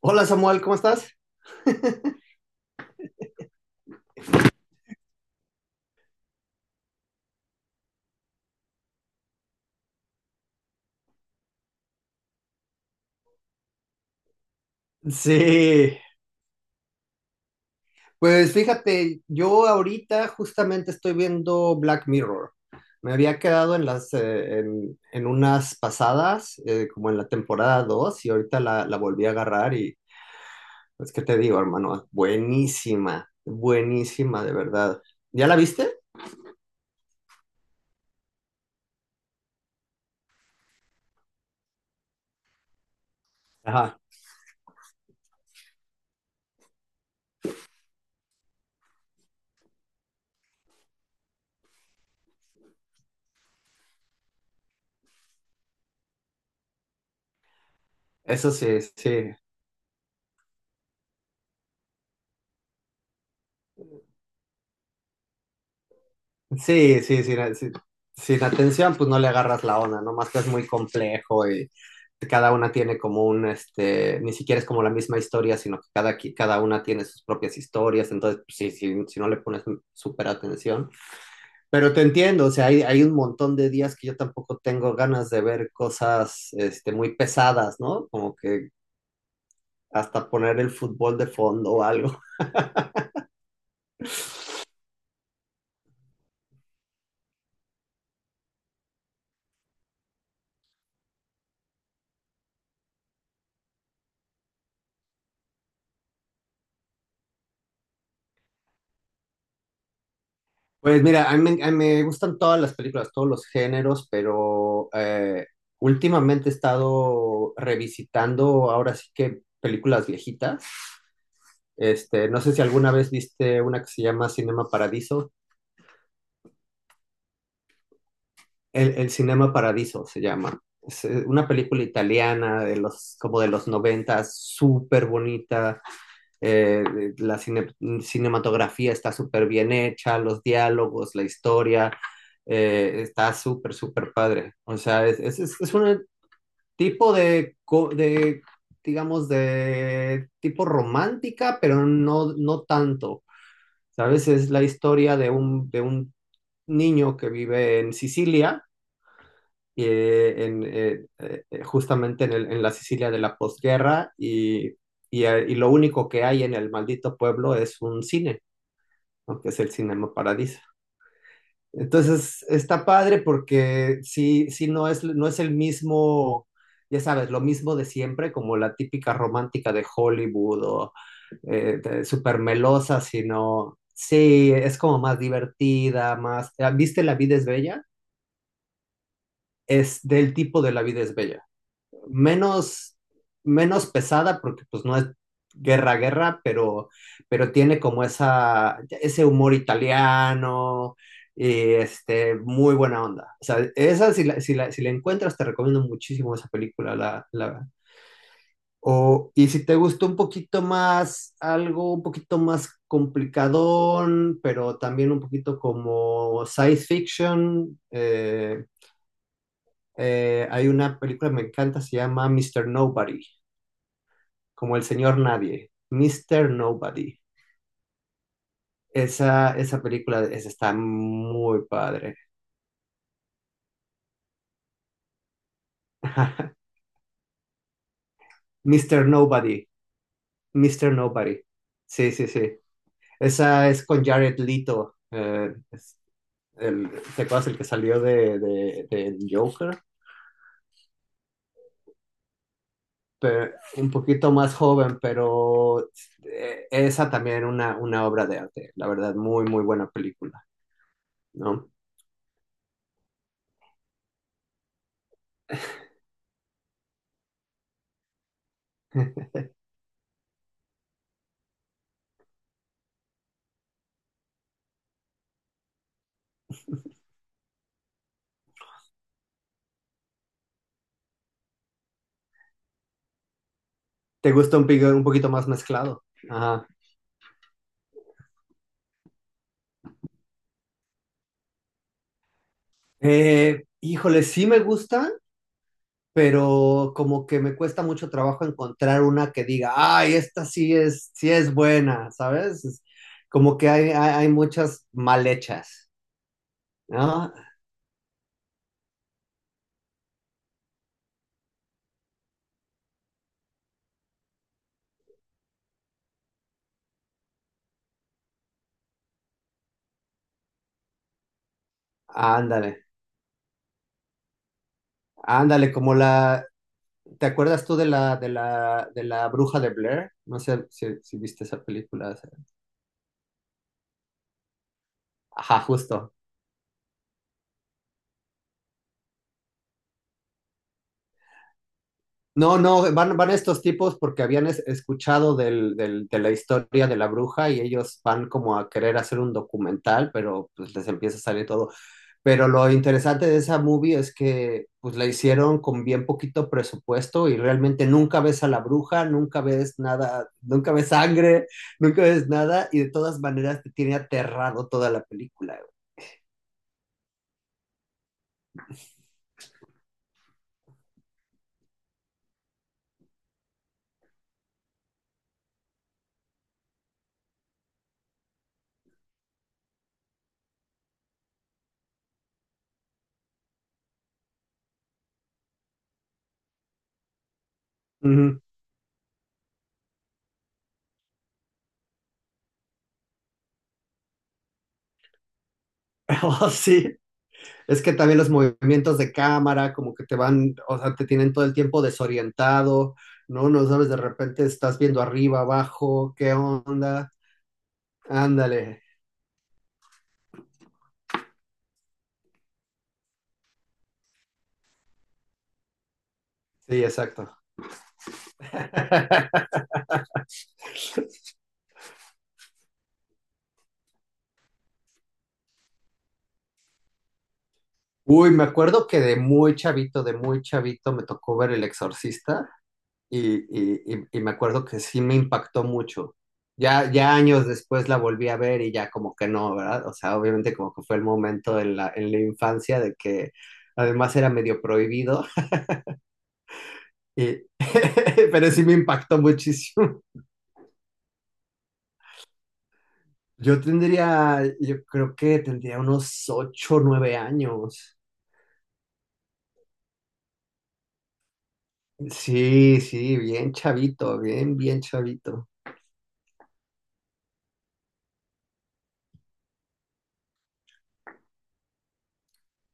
Hola Samuel, ¿cómo estás? Sí. Pues fíjate, yo ahorita justamente estoy viendo Black Mirror. Me había quedado en las en unas pasadas, como en la temporada 2 y ahorita la volví a agarrar y pues qué te digo, hermano, buenísima, buenísima de verdad. ¿Ya la viste? Ajá. Eso sí, sí. Sí, sí, sin atención, pues no le agarras la onda, ¿no? Más que es muy complejo y cada una tiene como un, este, ni siquiera es como la misma historia, sino que cada una tiene sus propias historias, entonces, pues, sí, sí, si no le pones súper atención. Pero te entiendo, o sea, hay un montón de días que yo tampoco tengo ganas de ver cosas, este, muy pesadas, ¿no? Como que hasta poner el fútbol de fondo o algo. Pues mira, a mí me gustan todas las películas, todos los géneros, pero últimamente he estado revisitando ahora sí que películas viejitas. Este, no sé si alguna vez viste una que se llama Cinema Paradiso. El Cinema Paradiso se llama. Es una película italiana de los, como de los noventas, súper bonita. eh, la cine- Cinematografía está súper bien hecha, los diálogos, la historia, está súper, súper padre. O sea, es un tipo digamos, de tipo romántica, pero no, no tanto. ¿Sabes? Es la historia de un niño que vive en Sicilia justamente en, en la Sicilia de la posguerra y, y lo único que hay en el maldito pueblo es un cine, ¿no? Que es el Cinema Paradiso. Entonces está padre porque sí, sí no es el mismo, ya sabes, lo mismo de siempre, como la típica romántica de Hollywood o súper melosa, sino sí, es como más divertida, más ¿viste La vida es bella? Es del tipo de La vida es bella. Menos, menos pesada porque pues no es guerra, guerra, pero tiene como esa, ese humor italiano, y este, muy buena onda. O sea, esa si la encuentras, te recomiendo muchísimo esa película. Y si te gustó un poquito más, algo un poquito más complicadón, pero también un poquito como science fiction, hay una película que me encanta, se llama Mr. Nobody. Como el señor nadie, Mister Nobody. Esa película esa está muy padre. Mister Nobody, Mister Nobody. Sí, sí, sí. Esa es con Jared Leto. Es el, ¿te acuerdas el que salió del Joker? Pero un poquito más joven, pero esa también una obra de arte. La verdad, muy, muy buena película, ¿no? ¿Te gusta un, un poquito más mezclado? Ajá. Híjole, sí me gustan, pero como que me cuesta mucho trabajo encontrar una que diga, ay, esta sí es buena, ¿sabes? Es como que hay muchas mal hechas, ¿no? Ándale, ándale, como la, ¿te acuerdas tú de la bruja de Blair? No sé si, si viste esa película. Ajá, justo. No, no, van, van estos tipos porque habían escuchado de la historia de la bruja y ellos van como a querer hacer un documental, pero pues les empieza a salir todo. Pero lo interesante de esa movie es que pues la hicieron con bien poquito presupuesto y realmente nunca ves a la bruja, nunca ves nada, nunca ves sangre, nunca ves nada y de todas maneras te tiene aterrado toda la película. Güey. Ujú. Oh, sí. Es que también los movimientos de cámara, como que te van, o sea, te tienen todo el tiempo desorientado, ¿no? No sabes, de repente estás viendo arriba, abajo, ¿qué onda? Ándale. Sí, exacto. Uy, me acuerdo que de muy chavito, me tocó ver El Exorcista y, y me acuerdo que sí me impactó mucho. Ya, ya años después la volví a ver y ya como que no, ¿verdad? O sea, obviamente como que fue el momento en la infancia de que además era medio prohibido. Eh, pero sí me impactó muchísimo. Yo tendría, yo creo que tendría unos ocho, o nueve años. Sí, sí, bien chavito, bien, bien chavito.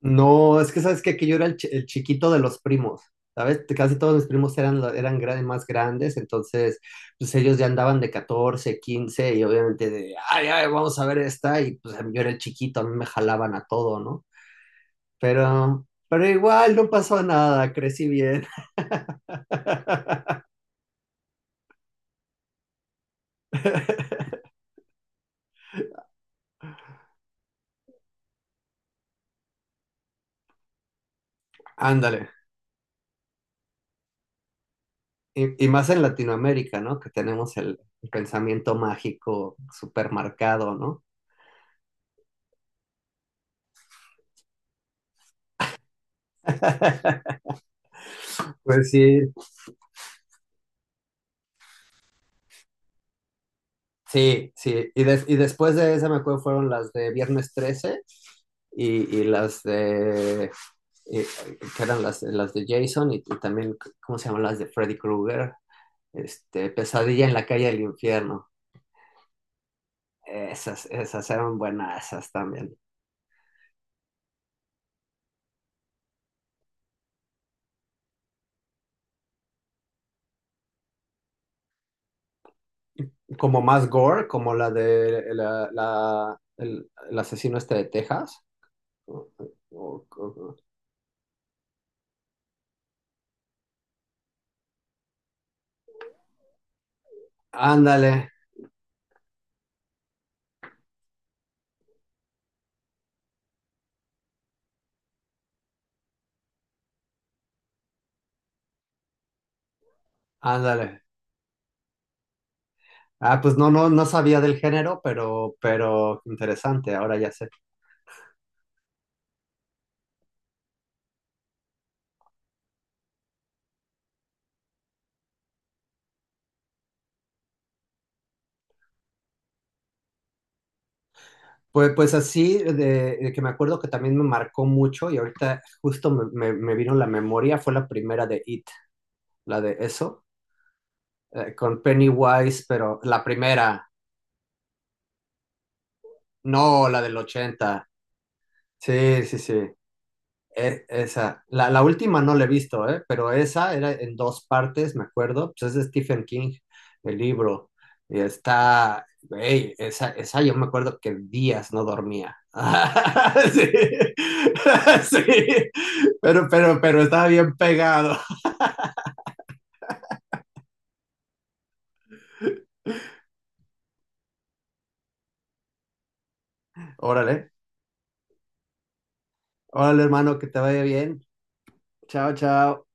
No, es que sabes que yo era el chiquito de los primos, ¿sabes? Casi todos mis primos eran, eran más grandes, entonces pues ellos ya andaban de 14, 15 y obviamente de, ay, ay, vamos a ver esta y pues yo era el chiquito, a mí me jalaban a todo, ¿no? Pero igual no pasó nada, crecí bien. Ándale. Y más en Latinoamérica, ¿no? Que tenemos el pensamiento mágico supermercado, ¿no? Pues sí, sí, sí. Y, y después de esa, me acuerdo, fueron las de Viernes 13 y las y- que eran las de Jason y también, ¿cómo se llaman? Las de Freddy Krueger. Este, Pesadilla en la calle del infierno. Esas, esas eran buenas, esas también. Como más gore, como la de el asesino este de Texas. O- o- o- Ándale, ándale. Ah, pues no, no, no sabía del género, pero interesante, ahora ya sé. Pues, pues así, de que me acuerdo que también me marcó mucho y ahorita justo me vino la memoria, fue la primera de It, la de eso, con Pennywise, pero la primera, no la del ochenta. Sí, sí, sí. Esa, la última no la he visto, ¿eh? Pero esa era en dos partes, me acuerdo. Pues es de Stephen King, el libro. Y está, güey, esa yo me acuerdo que días no dormía. Sí. Sí. Pero estaba bien pegado. Órale, órale, hermano, que te vaya bien. Chao, chao.